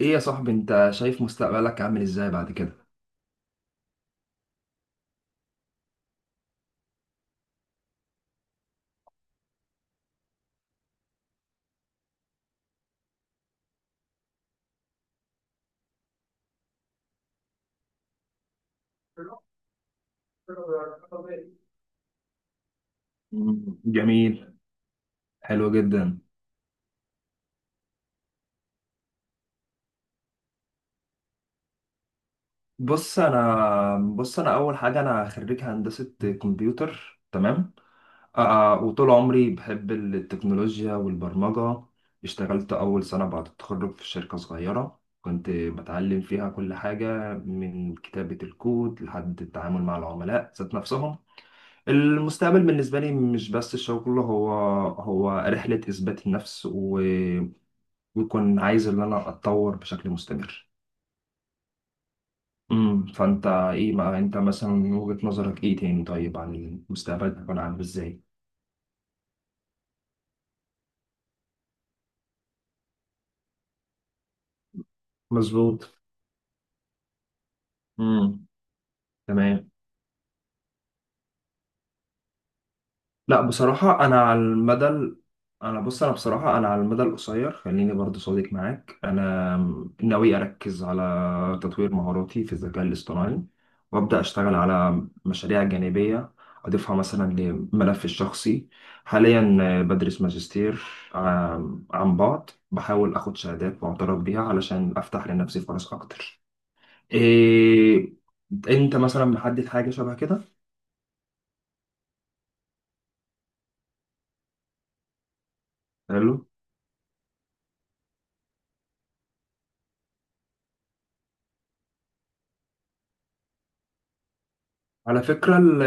ايه يا صاحبي، انت شايف مستقبلك عامل ازاي بعد كده؟ مم. جميل. حلو جدا. بص انا اول حاجه انا خريج هندسه كمبيوتر، تمام. آه وطول عمري بحب التكنولوجيا والبرمجه. اشتغلت اول سنه بعد التخرج في شركه صغيره كنت بتعلم فيها كل حاجه، من كتابه الكود لحد التعامل مع العملاء ذات نفسهم. المستقبل بالنسبة لي مش بس الشغل، هو رحلة إثبات النفس، بيكون عايز ان انا اتطور بشكل مستمر. امم، فانت ايه بقى؟ انت مثلا من وجهة نظرك ايه تاني؟ طيب، عن المستقبل هيكون عامل ازاي؟ مظبوط. امم. تمام. لا بصراحة، أنا بص، أنا بصراحة على المدى القصير خليني برضو صادق معاك، أنا ناوي أركز على تطوير مهاراتي في الذكاء الاصطناعي، وأبدأ أشتغل على مشاريع جانبية أضيفها مثلا لملفي الشخصي. حاليا بدرس ماجستير عن بعد، بحاول أخد شهادات معترف بيها علشان أفتح لنفسي فرص أكتر. إيه، أنت مثلا محدد حاجة شبه كده؟ على فكرة ال-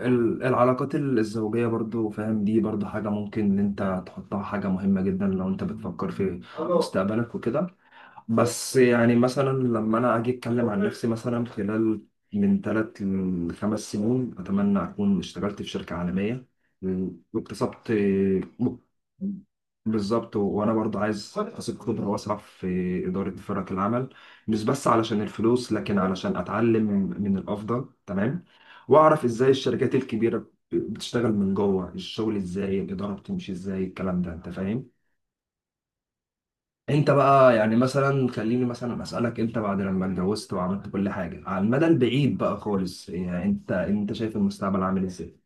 ال- العلاقات الزوجية برضو فاهم، دي برضو حاجة ممكن إن أنت تحطها حاجة مهمة جدا لو أنت بتفكر في مستقبلك وكده. بس يعني مثلا لما انا اجي اتكلم عن نفسي، مثلا خلال من 3 لخمس سنين، اتمنى اكون اشتغلت في شركه عالميه واكتسبت. بالظبط، وانا برضه عايز اكتسب خبره واسعه في اداره فرق العمل، مش بس علشان الفلوس لكن علشان اتعلم من الافضل. تمام. واعرف ازاي الشركات الكبيره بتشتغل من جوه، الشغل ازاي، الاداره بتمشي ازاي، الكلام ده انت فاهم. انت بقى يعني مثلا خليني مثلا اسالك، انت بعد لما اتجوزت وعملت كل حاجه على المدى البعيد بقى خالص، يعني انت شايف المستقبل عامل ازاي؟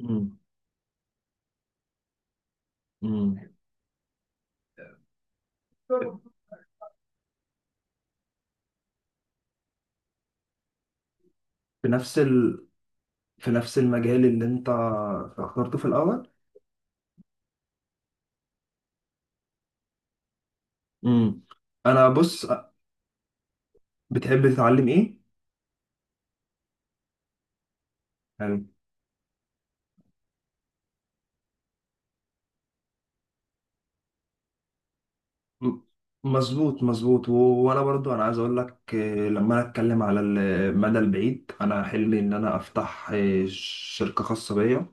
امم. امم. في نفس ال... في نفس المجال اللي انت اخترته في الاول. امم. انا بص، بتحب تتعلم ايه يعني؟ م- مظبوط مظبوط، وانا برضو انا عايز اقول لك، لما انا اتكلم على المدى البعيد، انا حلمي ان انا افتح شركة خاصة بيا.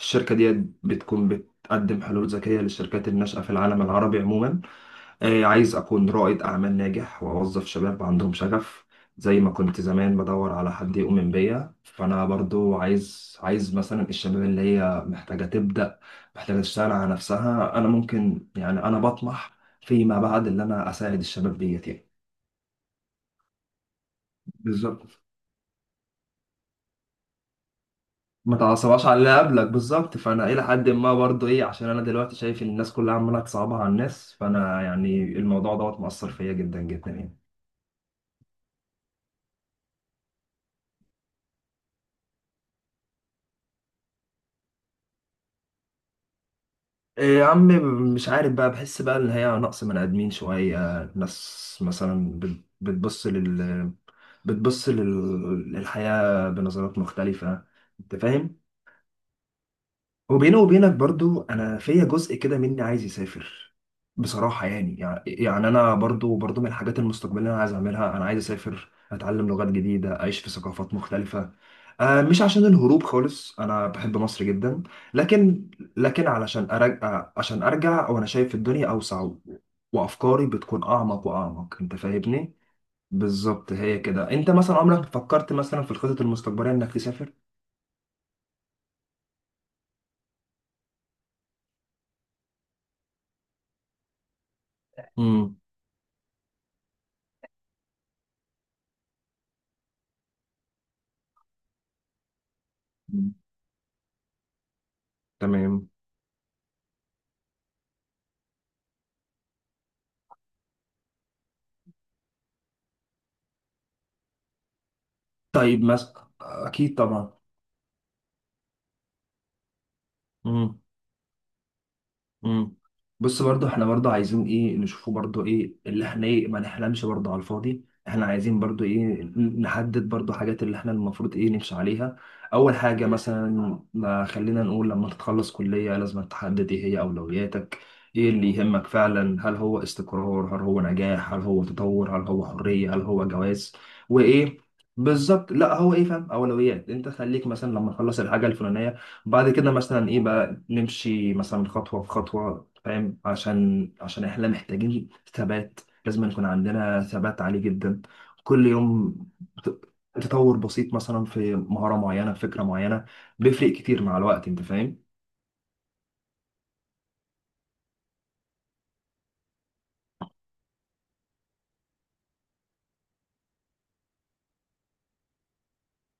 الشركة دي بتكون بتقدم حلول ذكية للشركات الناشئة في العالم العربي عموما. عايز أكون رائد أعمال ناجح وأوظف شباب عندهم شغف. زي ما كنت زمان بدور على حد يؤمن بيا، فأنا برضو عايز مثلا الشباب اللي هي محتاجة تبدأ، محتاجة تشتغل على نفسها. أنا ممكن يعني أنا بطمح فيما بعد اللي أنا أساعد الشباب ديت يعني. بالظبط، ما تعصبهاش على اللي قبلك بالظبط، فأنا إلى حد ما برضو إيه، عشان أنا دلوقتي شايف إن الناس كلها عمالة تصعبها على الناس، فأنا يعني الموضوع دوت مأثر فيا جدا جدا يعني. إيه، يا عم، مش عارف بقى، بحس بقى ان هي نقص من ادمين شويه. ناس مثلا بتبص لل، للحياه بنظرات مختلفه، انت فاهم. وبيني وبينك برضو انا فيا جزء كده مني عايز يسافر بصراحه، يعني انا برضو من الحاجات المستقبليه اللي انا عايز اعملها، انا عايز اسافر، اتعلم لغات جديده، اعيش في ثقافات مختلفه. آه، مش عشان الهروب خالص، انا بحب مصر جدا، لكن لكن علشان ارجع، عشان ارجع وانا شايف الدنيا اوسع، وافكاري بتكون اعمق، انت فاهمني. بالظبط. هي كده. انت مثلا عمرك فكرت مثلا في الخطط المستقبليه انك تسافر؟ امم. تمام. طيب مثلا. اكيد طبعا. مم. مم. بص برضو، احنا برضو عايزين ايه نشوفه؟ برضو ايه اللي احنا ايه، ما نحلمش برضو على الفاضي، احنا عايزين برضو ايه نحدد برضو حاجات اللي احنا المفروض ايه نمشي عليها. اول حاجة مثلا، ما خلينا نقول لما تتخلص كلية لازم تحدد ايه هي اولوياتك. ايه اللي يهمك فعلا؟ هل هو استقرار؟ هل هو نجاح؟ هل هو تطور؟ هل هو حرية؟ هل هو جواز؟ وايه؟ بالظبط، لا هو ايه فاهم، اولويات. انت خليك مثلا لما تخلص الحاجة الفلانية، بعد كده مثلا ايه بقى، نمشي مثلا خطوة بخطوة، فاهم، عشان احنا محتاجين ثبات، لازم يكون عندنا ثبات عالي جدا. كل يوم ت- تطور بسيط مثلا في مهارة معينة، في فكرة معينة، بيفرق كتير مع الوقت، انت فاهم.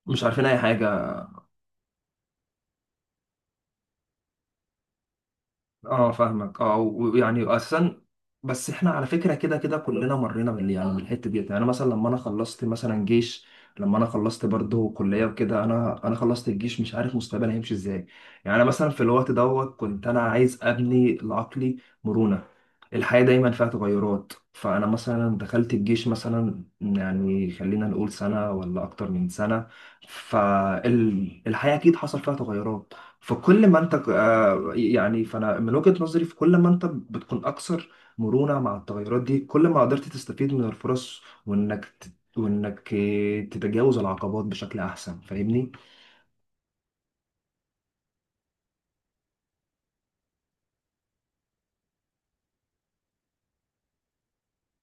مش عارفين اي حاجة. اه فاهمك، اه، ويعني اساسا. بس احنا على فكره كده كده كلنا مرينا بال، يعني بالحته ديت، يعني مثلا لما انا خلصت مثلا جيش، لما انا خلصت برضه كليه وكده، انا خلصت الجيش مش عارف مستقبلي هيمشي ازاي. يعني أنا مثلا في الوقت دوت كنت انا عايز ابني لعقلي مرونه. الحياه دايما فيها تغيرات، فانا مثلا دخلت الجيش مثلا، يعني خلينا نقول سنه ولا اكتر من سنه، فالحياه اكيد حصل فيها تغيرات. فكل ما انت يعني، فانا من وجهة نظري، في كل ما انت بتكون اكثر مرونة مع التغيرات دي، كل ما قدرت تستفيد من الفرص، وانك وانك تتجاوز العقبات بشكل احسن، فاهمني.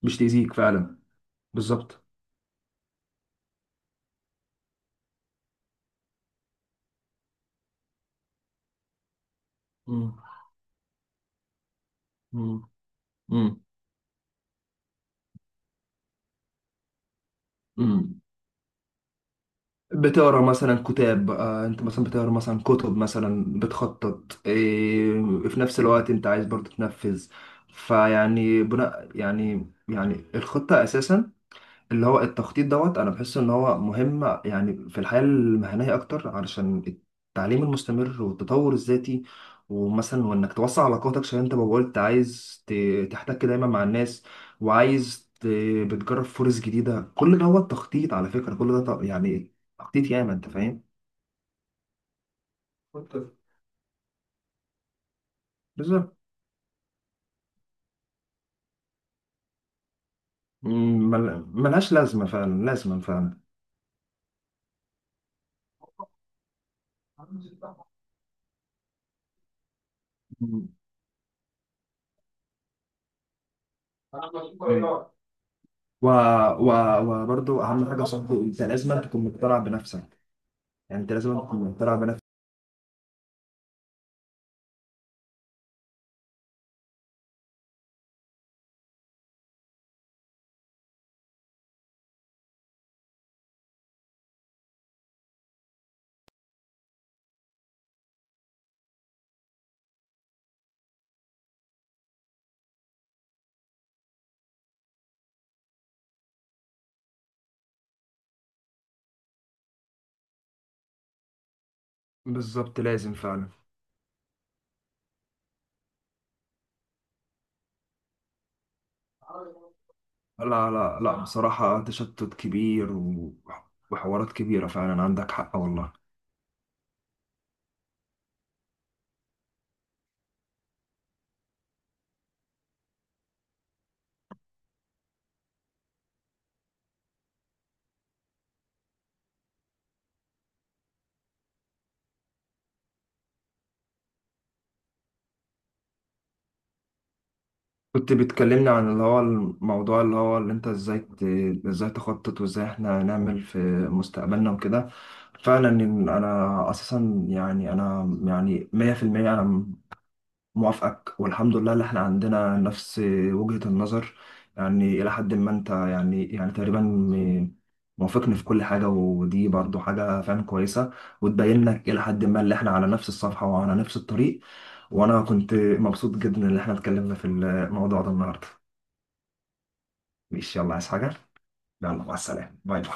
مش تأذيك فعلا. بالظبط. مم. مم. مم. مم. بتقرا مثلا كتاب، انت مثلا بتقرا مثلا كتب، مثلا بتخطط إيه، في نفس الوقت انت عايز برضه تنفذ. فيعني بناء، يعني الخطة اساسا. اللي هو التخطيط دوت، انا بحس ان هو مهم يعني في الحياة المهنية اكتر، علشان التعليم المستمر والتطور الذاتي، ومثلا وانك توسع علاقاتك عشان انت ما قلت عايز تحتك دايما مع الناس، وعايز بتجرب فرص جديدة. كل ده هو التخطيط، على فكرة كل ده يعني تخطيط ياما، انت فاهم. بالظبط. مم، ملهاش لازمة فعلا، لازمة فعلا. مم. أيوة. و... و... وبرضه أهم حاجة يا صاحبي، أنت لازم تكون مقتنع بنفسك. يعني انت لازم تكون طالع بنفسك. بالظبط لازم فعلا. لا لا بصراحة، تشتت كبير، وحوارات كبيرة فعلا، عندك حق والله. كنت بتكلمني عن اللي هو الموضوع، اللي هو اللي انت ازاي ازاي تخطط، وازاي احنا نعمل في مستقبلنا وكده. فعلا، إن انا اساسا يعني انا يعني 100% انا موافقك، والحمد لله اللي احنا عندنا نفس وجهة النظر. يعني إلى حد ما أنت يعني يعني تقريبا موافقني في كل حاجة، ودي برضو حاجة فعلا كويسة، وتبين لك إلى حد ما اللي احنا على نفس الصفحة وعلى نفس الطريق. وأنا كنت مبسوط جدا إن احنا اتكلمنا في الموضوع ده النهاردة. ماشي، يلا، عايز حاجة؟ يلا مع السلامة، باي باي.